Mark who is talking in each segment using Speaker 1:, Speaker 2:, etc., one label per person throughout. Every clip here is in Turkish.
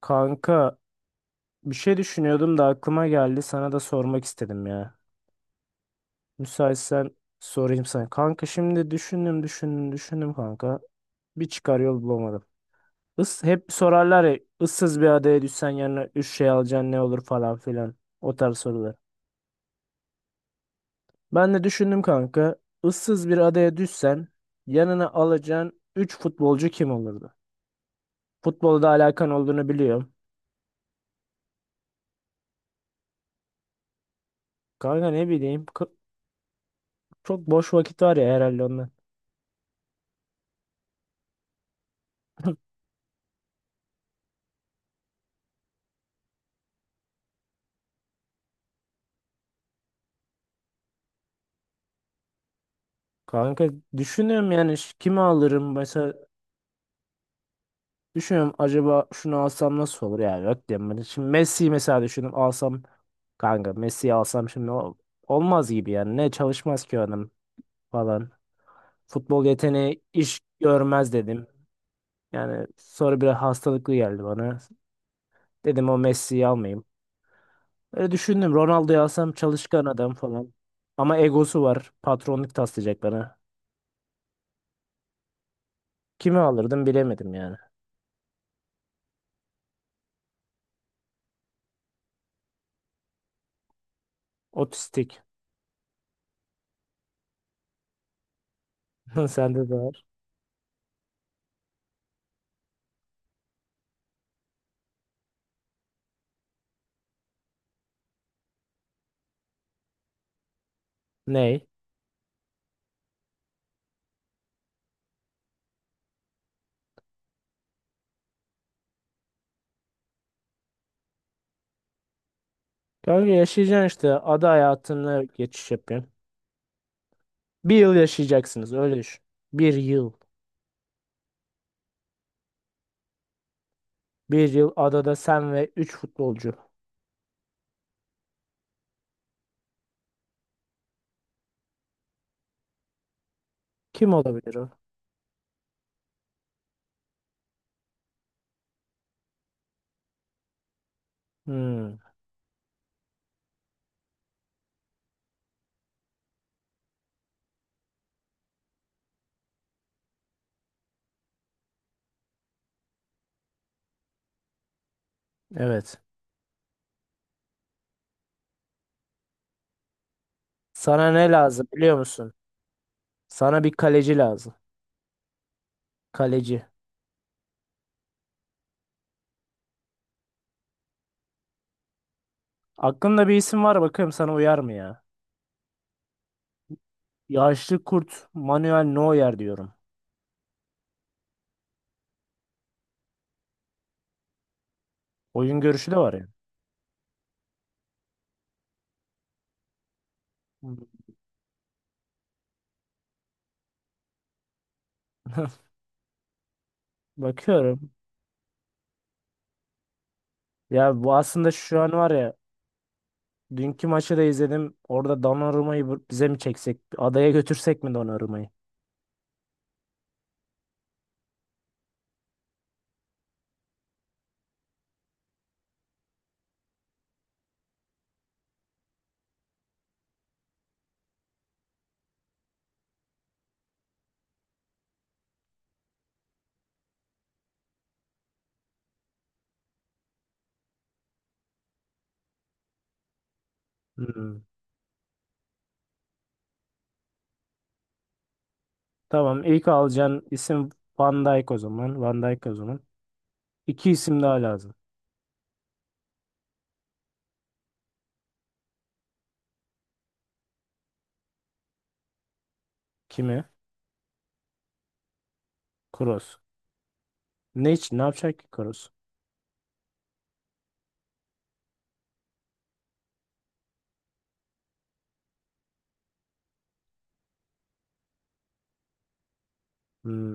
Speaker 1: Kanka, bir şey düşünüyordum da aklıma geldi, sana da sormak istedim ya. Müsaitsen sorayım sana. Kanka, şimdi düşündüm düşündüm düşündüm kanka. Bir çıkar yol bulamadım. Hep sorarlar ya, ıssız bir adaya düşsen yanına üç şey alacaksın, ne olur falan filan. O tarz sorular. Ben de düşündüm kanka. Issız bir adaya düşsen yanına alacağın üç futbolcu kim olurdu? Futbolda alakan olduğunu biliyorum. Kanka ne bileyim. Çok boş vakit var ya, herhalde ondan. Kanka düşünüyorum, yani kimi alırım mesela, düşünüyorum acaba şunu alsam nasıl olur, yani yok diyorum ben. Şimdi Messi'yi mesela düşündüm alsam, kanka Messi'yi alsam şimdi olmaz gibi yani, ne çalışmaz ki adam falan. Futbol yeteneği iş görmez dedim. Yani sonra biraz hastalıklı geldi bana. Dedim o Messi'yi almayayım. Öyle düşündüm, Ronaldo'yu alsam çalışkan adam falan. Ama egosu var, patronluk taslayacak bana. Kimi alırdım bilemedim yani. Otistik. Sende de var. Ney? Kanka, yaşayacaksın işte. Ada hayatına geçiş yapıyorsun. Bir yıl yaşayacaksınız, öyle düşün. Bir yıl. Bir yıl adada sen ve 3 futbolcu. Kim olabilir o? Hmm, evet. Sana ne lazım biliyor musun? Sana bir kaleci lazım. Kaleci. Aklında bir isim var, bakıyorum sana uyar mı ya? Yaşlı kurt Manuel Neuer diyorum. Oyun görüşü de var ya. Bakıyorum. Ya bu aslında şu an var ya, dünkü maçı da izledim. Orada Donnarumma'yı bize mi çeksek? Adaya götürsek mi Donnarumma'yı? Hmm. Tamam. ilk alacağın isim Van Dijk o zaman. Van Dijk o zaman. İki isim daha lazım. Kimi? Kroos. Ne için? Ne yapacak ki Kroos? Hmm.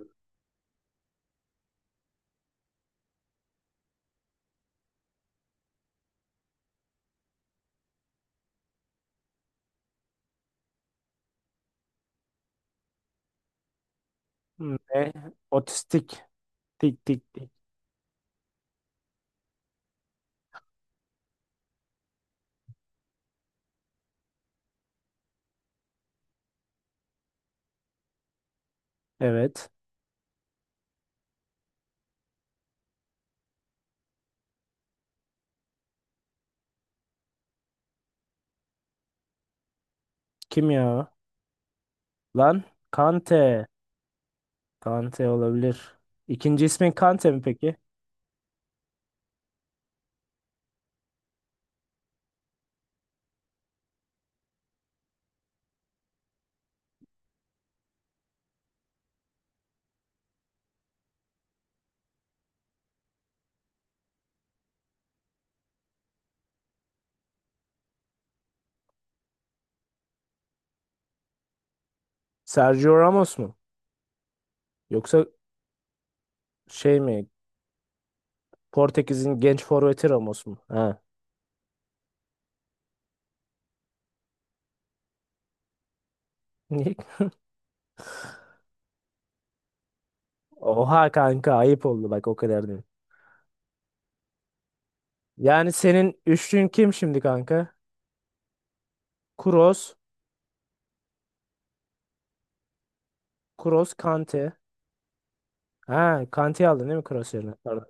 Speaker 1: Ne? Otistik. Tik tik tik. Evet. Kim ya? O? Lan Kante. Kante olabilir. İkinci ismin Kante mi peki? Sergio Ramos mu? Yoksa şey mi? Portekiz'in genç forveti Ramos mu? Ha. Niye? Oha kanka, ayıp oldu bak, o kadar değil. Yani senin üçlün kim şimdi kanka? Kroos, Kroos, Kante. Ha, Kante'yi aldın değil mi Kroos yerine? Pardon.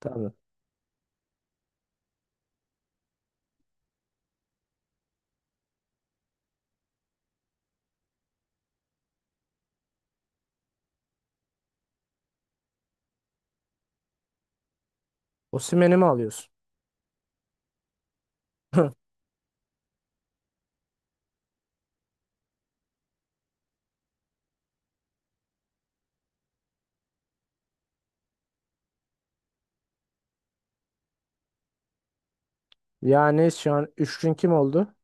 Speaker 1: Tamam. Osimhen'i mi alıyorsun? Yani şu an üçlün kim oldu?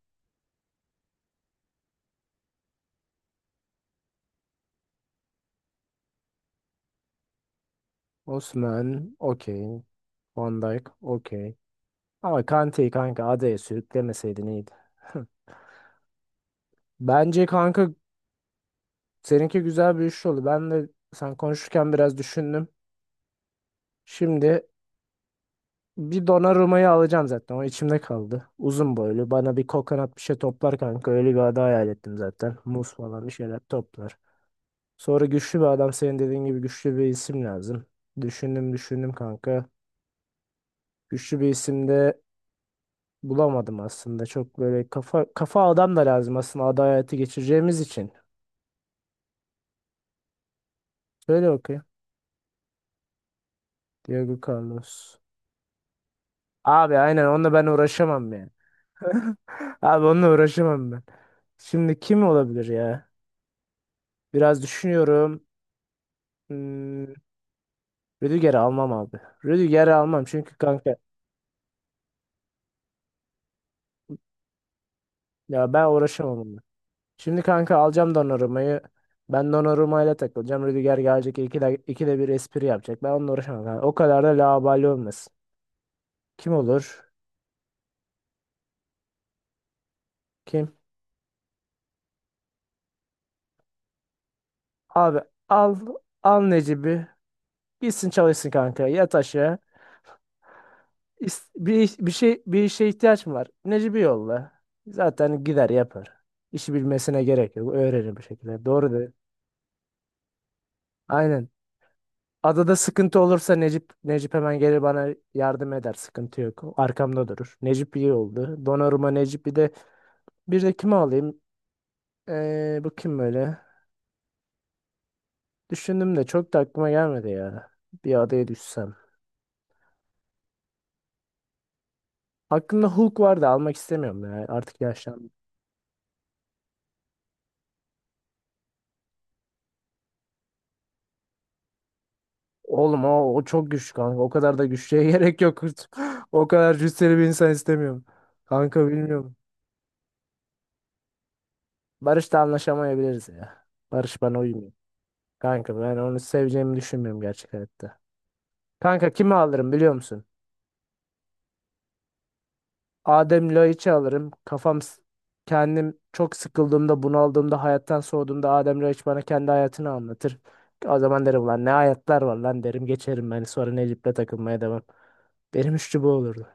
Speaker 1: Osimhen, okey. Van Dijk, okey. Ama Kante'yi kanka adaya sürüklemeseydin iyiydi. Bence kanka seninki güzel bir üçlü oldu. Ben de sen konuşurken biraz düşündüm. Şimdi bir Donnarumma'yı alacağım zaten. O içimde kaldı. Uzun boylu. Bana bir kokonat bir şey toplar kanka. Öyle bir ada hayal ettim zaten. Muz falan bir şeyler toplar. Sonra güçlü bir adam. Senin dediğin gibi güçlü bir isim lazım. Düşündüm düşündüm kanka. Güçlü bir isim de bulamadım aslında. Çok böyle kafa kafa adam da lazım aslında, ada hayatı geçireceğimiz için. Söyle bakayım. Diego Carlos. Abi aynen onunla ben uğraşamam ya. Abi onunla uğraşamam ben. Şimdi kim olabilir ya? Biraz düşünüyorum. Hmm, Rüdiger'i almam abi. Rüdiger'i almam çünkü kanka, ya ben uğraşamam onunla. Şimdi kanka alacağım Donnarumma'yı. Ben Donnarumma'yla takılacağım. Rüdiger gelecek ikide bir espri yapacak. Ben onunla uğraşamam. Yani o kadar da laubali olmasın. Kim olur? Kim? Abi, al al Necip'i. Gitsin çalışsın kanka. Yat aşağı. Bir şey, bir işe ihtiyaç mı var? Necip'i yolla. Zaten gider yapar. İşi bilmesine gerek yok. Öğrenir bir şekilde. Doğru da. Aynen. Adada sıkıntı olursa Necip Necip hemen gelir bana, yardım eder. Sıkıntı yok. Arkamda durur. Necip iyi oldu. Donnarumma, Necip, bir de kimi alayım? Bu kim böyle? Düşündüm de çok da aklıma gelmedi ya. Bir adaya düşsem. Aklımda Hulk vardı, almak istemiyorum ya. Artık yaşlandım. Oğlum o, o çok güçlü kanka. O kadar da güçlüye gerek yok. O kadar cüsseli bir insan istemiyorum. Kanka bilmiyorum. Barış'la anlaşamayabiliriz ya. Barış bana uymuyor. Kanka ben onu seveceğimi düşünmüyorum gerçekten. Kanka kimi alırım biliyor musun? Adem Laiç'i alırım. Kafam kendim çok sıkıldığımda, bunaldığımda, hayattan soğuduğumda Adem Laiç bana kendi hayatını anlatır. O zaman derim lan ne hayatlar var lan, derim geçerim ben, sonra Necip'le takılmaya devam. Benim üçlü bu olurdu.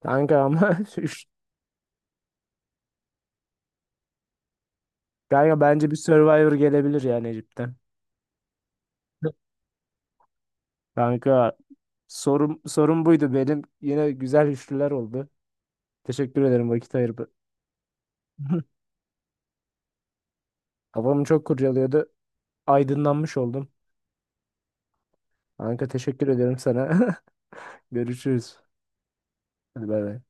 Speaker 1: Kanka ama kanka bence bir Survivor gelebilir ya Necip'ten. Kanka, sorum buydu benim. Yine güzel üçlüler oldu. Teşekkür ederim vakit ayırıp. Kafamı çok kurcalıyordu. Aydınlanmış oldum. Kanka teşekkür ederim sana. Görüşürüz. Hadi bay bay.